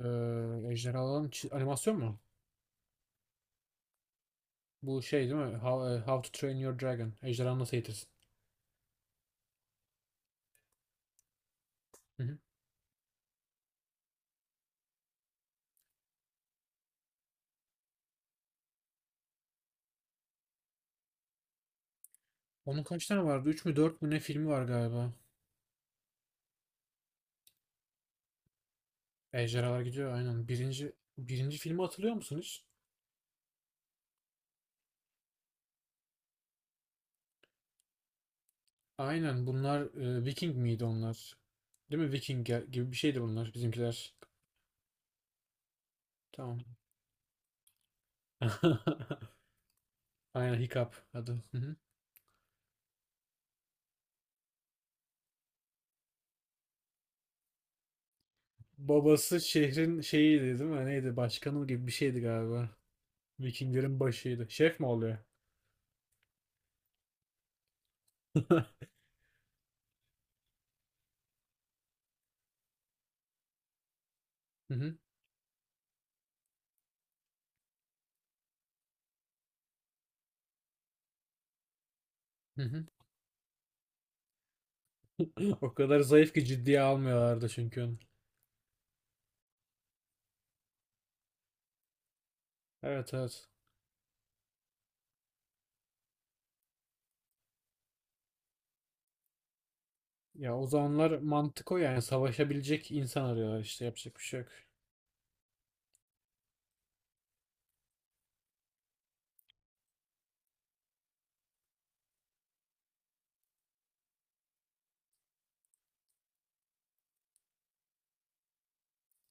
Ee, ejderhaların animasyon mu? Bu şey değil mi? How to Train Your Dragon. Ejderhanı nasıl eğitirsin? Hı hı. Onun kaç tane vardı? 3 mü dört mü ne filmi var galiba. Ejderhalar gidiyor aynen. Birinci filmi hatırlıyor musun hiç? Aynen bunlar Viking miydi onlar? Değil mi? Viking gibi bir şeydi bunlar bizimkiler. Tamam. Aynen Hiccup adı. Hı hı. Babası şehrin şeyiydi değil mi? Neydi? Başkanı gibi bir şeydi galiba. Vikinglerin başıydı. Şef mi oluyor? Hı hı. Hı hı. O kadar zayıf ki ciddiye almıyorlardı onu. Evet evet. Ya o zamanlar mantık o, yani savaşabilecek insan arıyorlar işte, yapacak bir şey yok.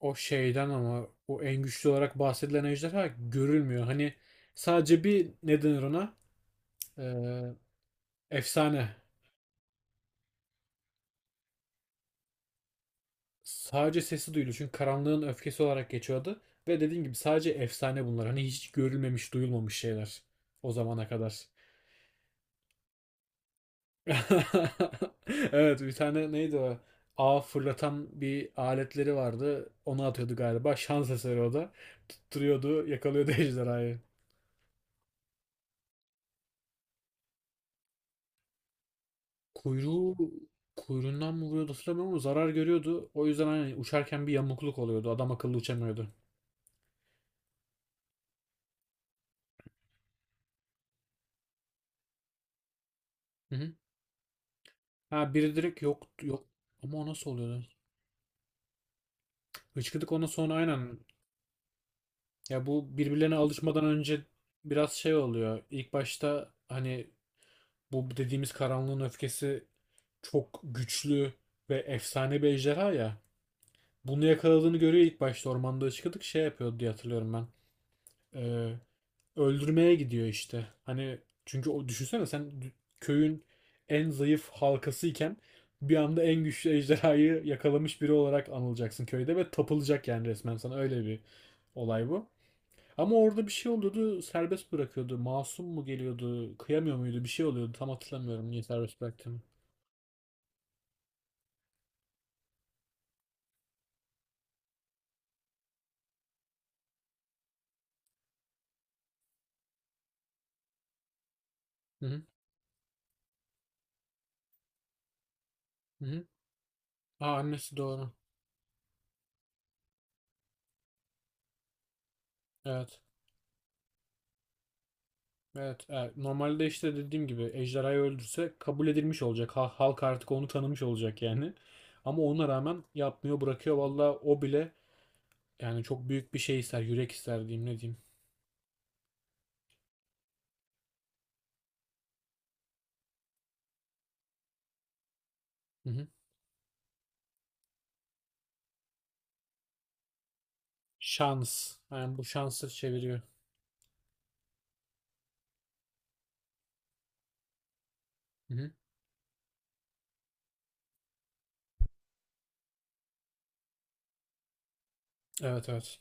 O şeyden, ama o en güçlü olarak bahsedilen ejderha görülmüyor. Hani sadece bir, ne denir ona? Ee, Efsane. Sadece sesi duyuluyor çünkü karanlığın öfkesi olarak geçiyordu. Ve dediğim gibi sadece efsane bunlar. Hani hiç görülmemiş, duyulmamış şeyler o zamana kadar. Evet, bir tane neydi o? Ağ fırlatan bir aletleri vardı. Onu atıyordu galiba. Şans eseri o da. Tutturuyordu, yakalıyordu ejderhayı. Kuyruğu kuyruğundan mı vuruyordu hatırlamıyorum, ama zarar görüyordu. O yüzden hani uçarken bir yamukluk oluyordu. Adam akıllı uçamıyordu. Hı hı. Ha, biri direkt yok yok, ama o nasıl oluyordu? Hıçkıdık ona sonra aynen. Ya, bu birbirlerine alışmadan önce biraz şey oluyor. İlk başta hani bu dediğimiz karanlığın öfkesi çok güçlü ve efsane bir ejderha ya. Bunu yakaladığını görüyor ilk başta, ormanda çıkıyorduk şey yapıyordu diye hatırlıyorum ben. Ee, Öldürmeye gidiyor işte. Hani çünkü o, düşünsene sen köyün en zayıf halkasıyken bir anda en güçlü ejderhayı yakalamış biri olarak anılacaksın köyde ve tapılacak, yani resmen sana öyle bir olay bu. Ama orada bir şey oluyordu, serbest bırakıyordu. Masum mu geliyordu, kıyamıyor muydu? Bir şey oluyordu. Tam hatırlamıyorum niye serbest bıraktığını. Hı hı. Hı hı. Aa, annesi doğru. Evet. Evet, evet. Normalde işte dediğim gibi ejderhayı öldürse kabul edilmiş olacak. Halk artık onu tanımış olacak yani. Ama ona rağmen yapmıyor, bırakıyor. Valla o bile, yani çok büyük bir şey ister. Yürek ister diyeyim, ne diyeyim. Hı hı. Şans. Yani bu şansı çeviriyor. Hı hı. Evet evet.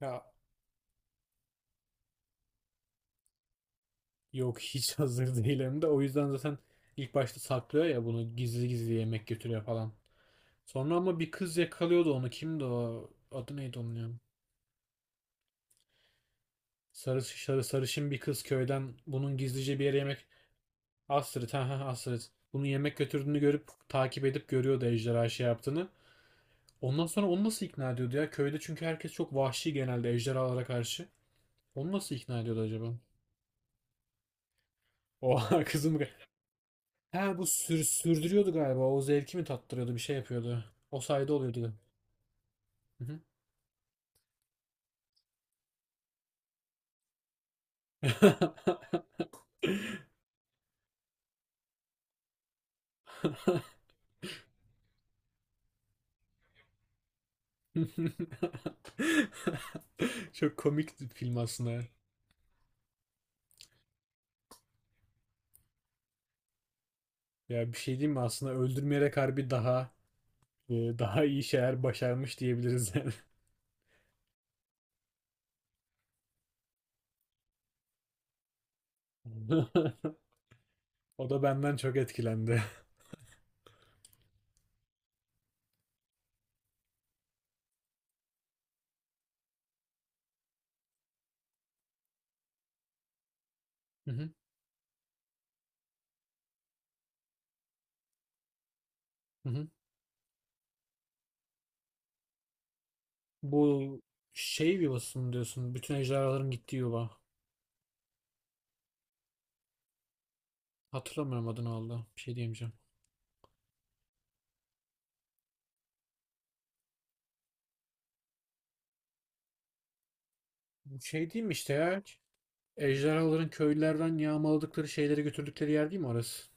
Ya, yok hiç hazır değil hem de. O yüzden zaten ilk başta saklıyor ya, bunu gizli gizli yemek götürüyor falan. Sonra ama bir kız yakalıyordu onu. Kimdi o? Adı neydi onun ya? Sarışın bir kız köyden bunun gizlice bir yere yemek... Astrid, ha ha Astrid. Bunu yemek götürdüğünü görüp takip edip görüyordu ejderha şey yaptığını. Ondan sonra onu nasıl ikna ediyordu ya? Köyde çünkü herkes çok vahşi genelde ejderhalara karşı. Onu nasıl ikna ediyordu acaba? Oha kızım. Ha, bu sürdürüyordu galiba. O zevki mi tattırıyordu? Bir şey yapıyordu. O sayede oluyordu. Hı hı. Çok komik film aslında. Ya, bir şey diyeyim mi, aslında öldürmeyerek harbi daha iyi şeyler başarmış diyebiliriz yani. O da benden çok etkilendi. Hı hı, hı hı. Bu şey yuvası mı diyorsun? Bütün ejderhaların gittiği yuva. Hatırlamıyorum adını aldı. Bir şey diyemeyeceğim. Bu şey değil mi işte ya? Ejderhaların köylülerden yağmaladıkları şeyleri götürdükleri yer değil mi orası?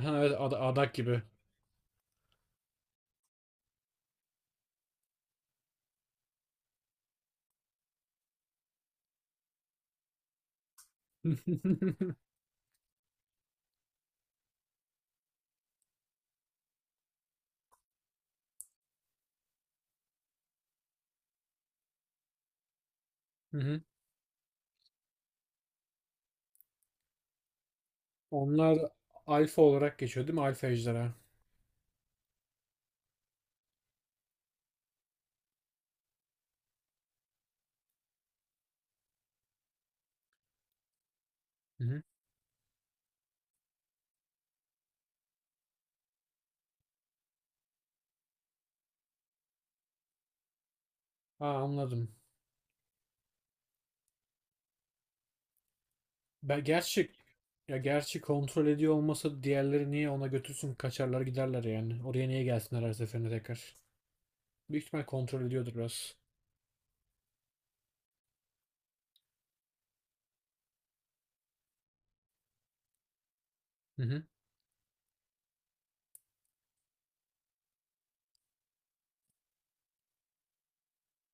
Ha, evet, adak gibi. Hı hı. Onlar alfa olarak geçiyor değil mi? Alfa ejderha. Hı hı. Ha, anladım. Ben, gerçi Ya, gerçi kontrol ediyor olmasa diğerleri niye ona götürsün, kaçarlar giderler yani. Oraya niye gelsinler her seferinde tekrar. Büyük ihtimal kontrol ediyordur biraz. Hı hı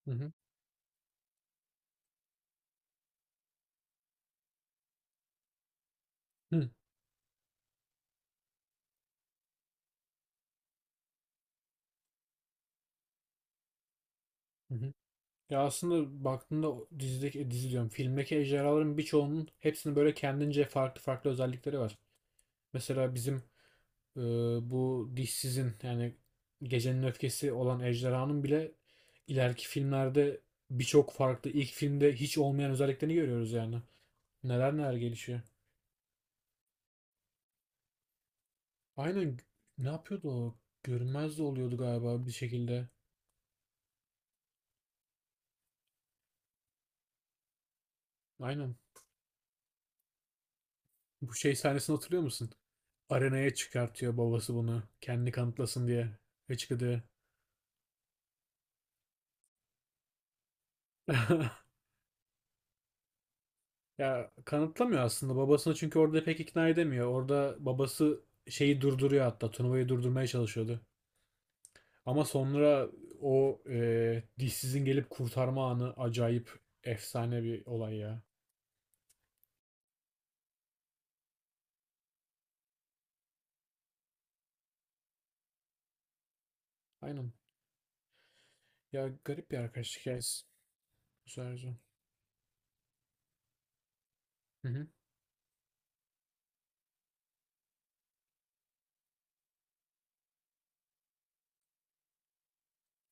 hı hı hı hı. Hı. Ya aslında baktığında o dizideki, dizi diyorum filmdeki ejderhaların birçoğunun, hepsinin böyle kendince farklı farklı özellikleri var. Mesela bizim e, bu dişsizin, yani gecenin öfkesi olan ejderhanın bile ileriki filmlerde birçok farklı, ilk filmde hiç olmayan özelliklerini görüyoruz yani. Neler neler gelişiyor. Aynen, ne yapıyordu o? Görünmez de oluyordu galiba bir şekilde. Aynen. Bu şey sahnesini hatırlıyor musun? Arenaya çıkartıyor babası bunu. Kendini kanıtlasın diye. Ve çıkıyor. Ya kanıtlamıyor aslında babasını çünkü orada pek ikna edemiyor. Orada babası şeyi durduruyor, hatta turnuvayı durdurmaya çalışıyordu. Ama sonra o dişsizin gelip kurtarma anı acayip efsane bir olay ya. Aynen. Ya garip bir arkadaş hikayesi. Güzel güzel. Hı hı.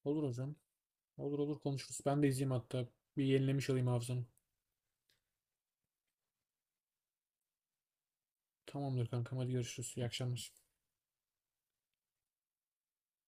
Olur hocam. Olur olur, konuşuruz. Ben de izleyeyim hatta. Bir yenilemiş alayım hafızamı. Tamamdır kankam, hadi görüşürüz. İyi akşamlar.